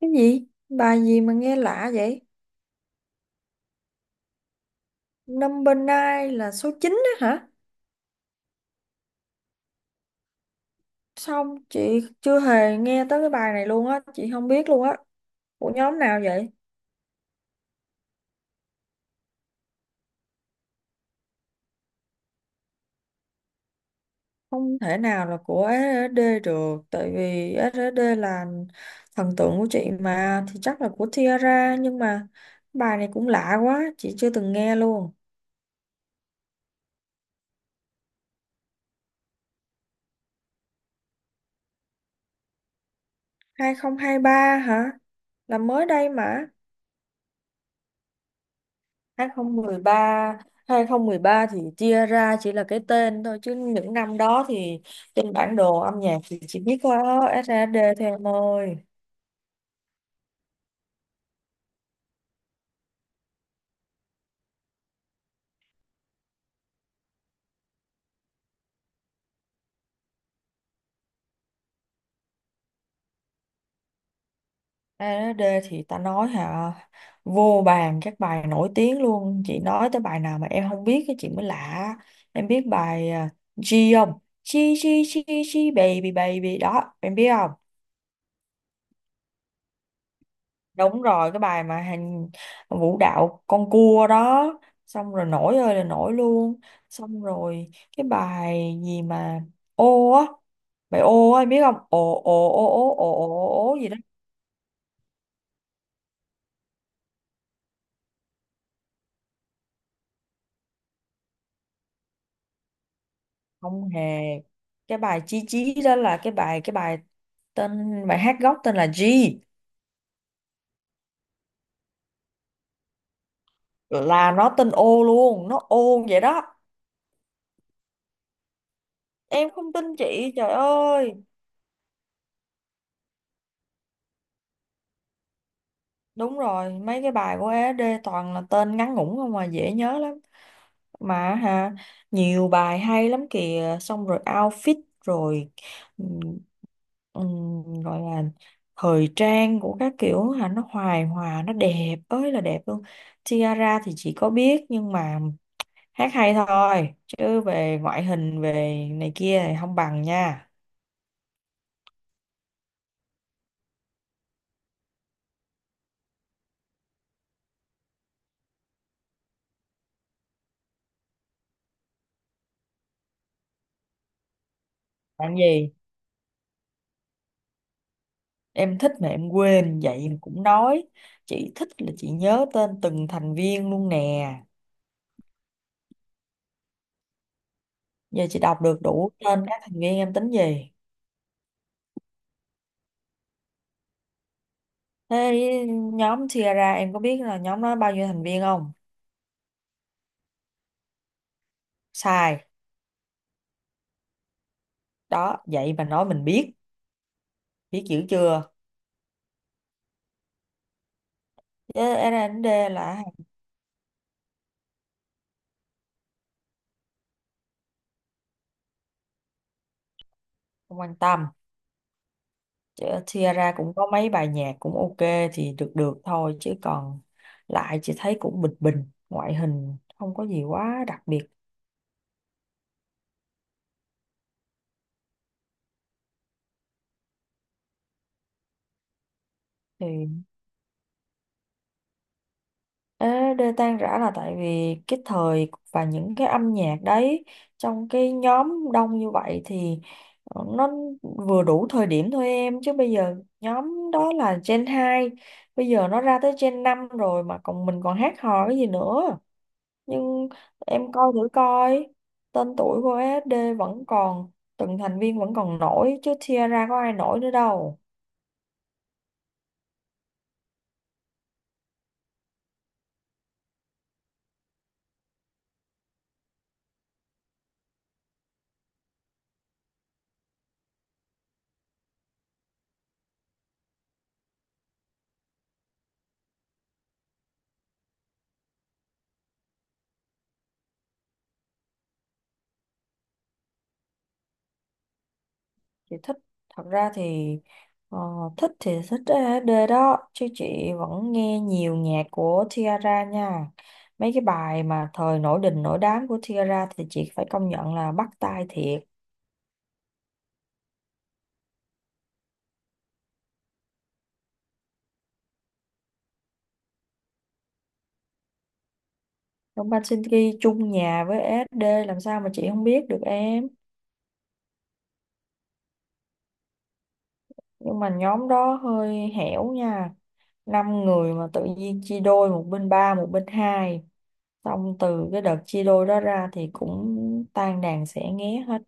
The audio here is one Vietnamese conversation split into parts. Cái gì? Bài gì mà nghe lạ vậy? Number nine là số 9 á hả? Xong chị chưa hề nghe tới cái bài này luôn á, chị không biết luôn á. Của nhóm nào vậy? Không thể nào là của SNSD được, tại vì SNSD là thần tượng của chị mà, thì chắc là của Tiara, nhưng mà bài này cũng lạ quá, chị chưa từng nghe luôn. 2023 hả? Là mới đây mà. 2013 thì chia ra chỉ là cái tên thôi, chứ những năm đó thì trên bản đồ âm nhạc thì chỉ biết có ét A SAD thôi em ơi. SAD thì ta nói hả, vô bàn các bài nổi tiếng luôn, chị nói tới bài nào mà em không biết cái chị mới lạ. Em biết bài à, G không? G, G, G, G baby baby đó em biết không? Đúng rồi, cái bài mà hành vũ đạo con cua đó, xong rồi nổi ơi là nổi luôn. Xong rồi cái bài gì mà ô á, bài ô á em biết không, ồ ồ ồ ồ ồ ồ ồ gì đó. Không hề, cái bài chí chí đó là cái bài tên, bài hát gốc tên là G. Là nó tên ô luôn, nó ô vậy đó. Em không tin chị, trời ơi. Đúng rồi, mấy cái bài của ED toàn là tên ngắn ngủn không mà dễ nhớ lắm. Mà hả, nhiều bài hay lắm kìa, xong rồi outfit rồi, ừm, gọi là thời trang của các kiểu hả, nó hoài hòa nó đẹp ơi là đẹp luôn. Tiara thì chị có biết nhưng mà hát hay thôi, chứ về ngoại hình về này kia thì không bằng nha. Làm gì? Em thích mà em quên vậy mà cũng nói. Chị thích là chị nhớ tên từng thành viên luôn nè. Giờ chị đọc được đủ tên các thành viên em tính gì? Thế nhóm chia ra em có biết là nhóm nó bao nhiêu thành viên không? Sai. Đó, vậy mà nói mình biết. Biết dữ chưa? Chứ R&D là Hằng không quan tâm. Chứ chia ra cũng có mấy bài nhạc cũng ok thì được được thôi. Chứ còn lại chị thấy cũng bình bình. Ngoại hình không có gì quá đặc biệt. thì Ê, đê tan rã là tại vì cái thời và những cái âm nhạc đấy, trong cái nhóm đông như vậy thì nó vừa đủ thời điểm thôi em, chứ bây giờ nhóm đó là Gen hai, bây giờ nó ra tới Gen 5 rồi mà còn mình còn hát hò cái gì nữa. Nhưng em coi thử coi tên tuổi của SD vẫn còn, từng thành viên vẫn còn nổi, chứ Tiara có ai nổi nữa đâu. Chị thích, thật ra thì ờ, thích thì thích SD đó, chứ chị vẫn nghe nhiều nhạc của Tiara nha. Mấy cái bài mà thời nổi đình nổi đám của Tiara thì chị phải công nhận là bắt tai thiệt. Đông Ban Shinki chung nhà với SD làm sao mà chị không biết được em. Nhưng mà nhóm đó hơi hẻo nha, năm người mà tự nhiên chia đôi, một bên ba một bên hai, xong từ cái đợt chia đôi đó ra thì cũng tan đàn xẻ nghé hết.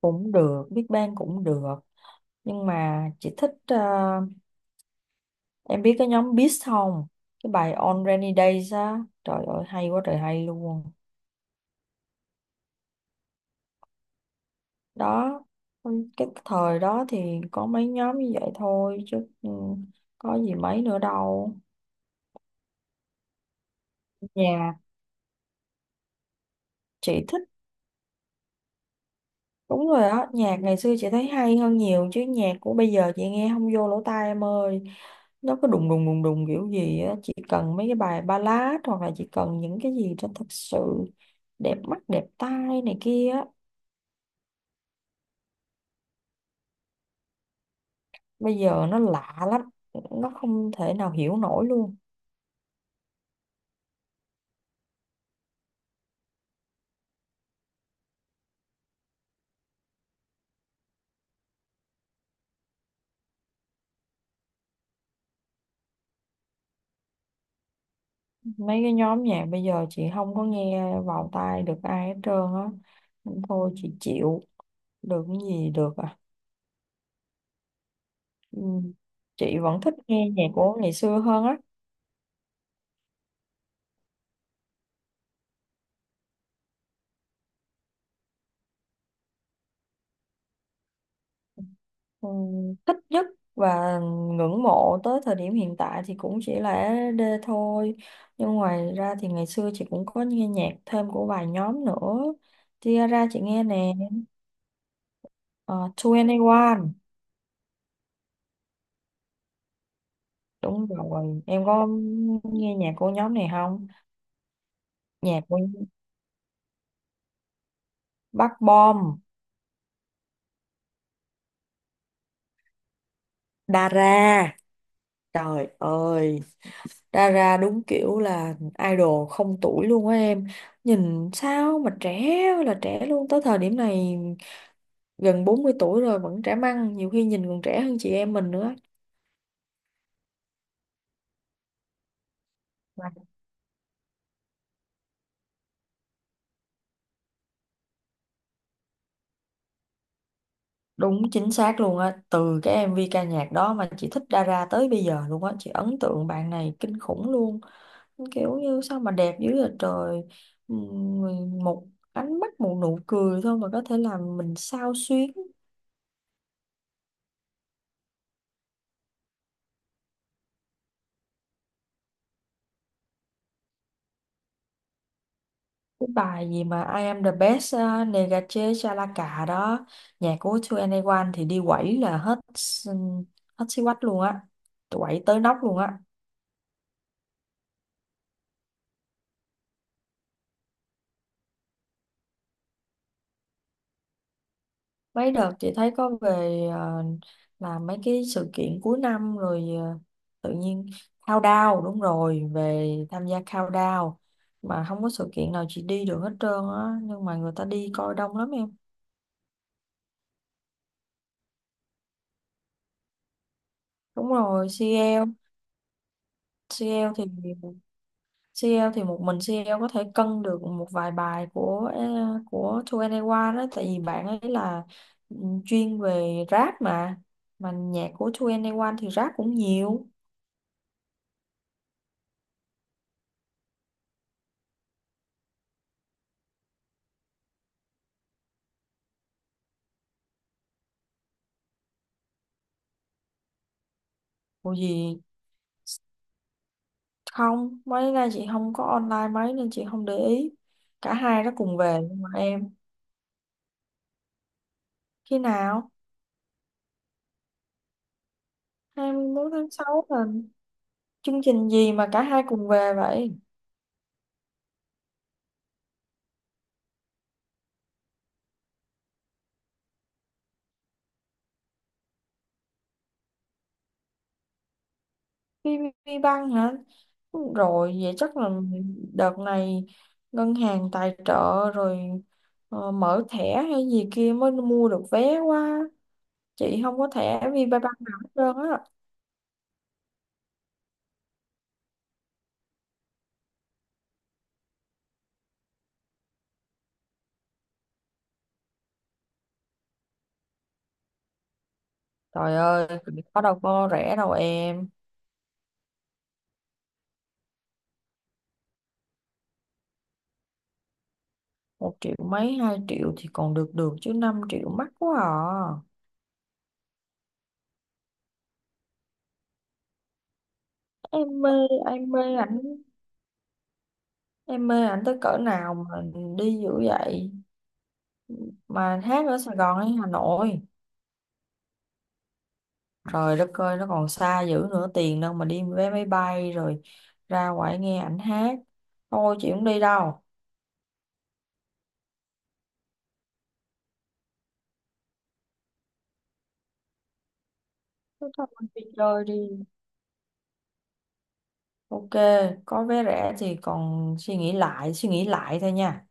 Cũng được, Big Bang cũng được, nhưng mà chị thích, em biết cái nhóm Beast không? Cái bài On Rainy Days á, trời ơi hay quá trời hay luôn. Đó cái thời đó thì có mấy nhóm như vậy thôi, chứ ừ, có gì mấy nữa đâu. Nhà chị thích. Đúng rồi đó, nhạc ngày xưa chị thấy hay hơn nhiều, chứ nhạc của bây giờ chị nghe không vô lỗ tai em ơi. Nó cứ đùng đùng đùng đùng kiểu gì á, chị cần mấy cái bài ballad, hoặc là chị cần những cái gì cho thật sự đẹp mắt, đẹp tai này kia á. Bây giờ nó lạ lắm, nó không thể nào hiểu nổi luôn. Mấy cái nhóm nhạc bây giờ chị không có nghe vào tai được ai hết trơn á. Thôi chị chịu, được cái gì được à. Ừ. Chị vẫn thích nghe nhạc của ngày xưa hơn á. Ừ, thích nhất và ngưỡng mộ tới thời điểm hiện tại thì cũng chỉ là SD thôi, nhưng ngoài ra thì ngày xưa chị cũng có nghe nhạc thêm của vài nhóm nữa. Tiara chị nghe nè. 2NE1, đúng rồi, em có nghe nhạc của nhóm này không? Nhạc của Bắc Bom. Dara, trời ơi, Dara đúng kiểu là idol không tuổi luôn á em, nhìn sao mà trẻ ơi là trẻ luôn, tới thời điểm này gần 40 tuổi rồi vẫn trẻ măng, nhiều khi nhìn còn trẻ hơn chị em mình nữa. Mà đúng chính xác luôn á, từ cái MV ca nhạc đó mà chị thích Dara tới bây giờ luôn á, chị ấn tượng bạn này kinh khủng luôn, kiểu như sao mà đẹp dữ vậy trời. Một ánh mắt một nụ cười thôi mà có thể làm mình xao xuyến. Cái bài gì mà I am the best, Negache Chalaka đó, nhạc của 2NE1 thì đi quẩy là hết xí quách luôn á, quẩy tới nóc luôn á. Mấy đợt chị thấy có về, làm mấy cái sự kiện cuối năm rồi, tự nhiên countdown, đúng rồi, về tham gia countdown mà không có sự kiện nào chị đi được hết trơn á, nhưng mà người ta đi coi đông lắm em. Đúng rồi, CL. CL thì CL thì một mình CL có thể cân được một vài bài của của 2NE1 đó, tại vì bạn ấy là ừ, chuyên về rap mà nhạc của 2NE1 thì rap cũng nhiều. Ủa gì? Không, mấy nay chị không có online mấy nên chị không để ý. Cả hai đó cùng về nhưng mà em khi nào? 21 tháng 6 là chương trình gì mà cả hai cùng về vậy? VPBank băng hả? Rồi vậy chắc là đợt này ngân hàng tài trợ rồi, ờ, mở thẻ hay gì kia mới mua được vé quá, chị không có thẻ VPBank nào hết trơn á. Trời ơi, có đâu có rẻ đâu em, một triệu mấy hai triệu thì còn được được chứ 5 triệu mắc quá à. Em mê em mê ảnh em mê ảnh tới cỡ nào mà đi dữ vậy, mà hát ở Sài Gòn hay Hà Nội? Trời đất ơi, nó còn xa dữ nữa, tiền đâu mà đi vé máy bay rồi ra ngoài nghe ảnh hát. Thôi chị không đi đâu. Thôi thôi mình đi chơi đi, ok, có vé rẻ thì còn suy nghĩ lại thôi nha.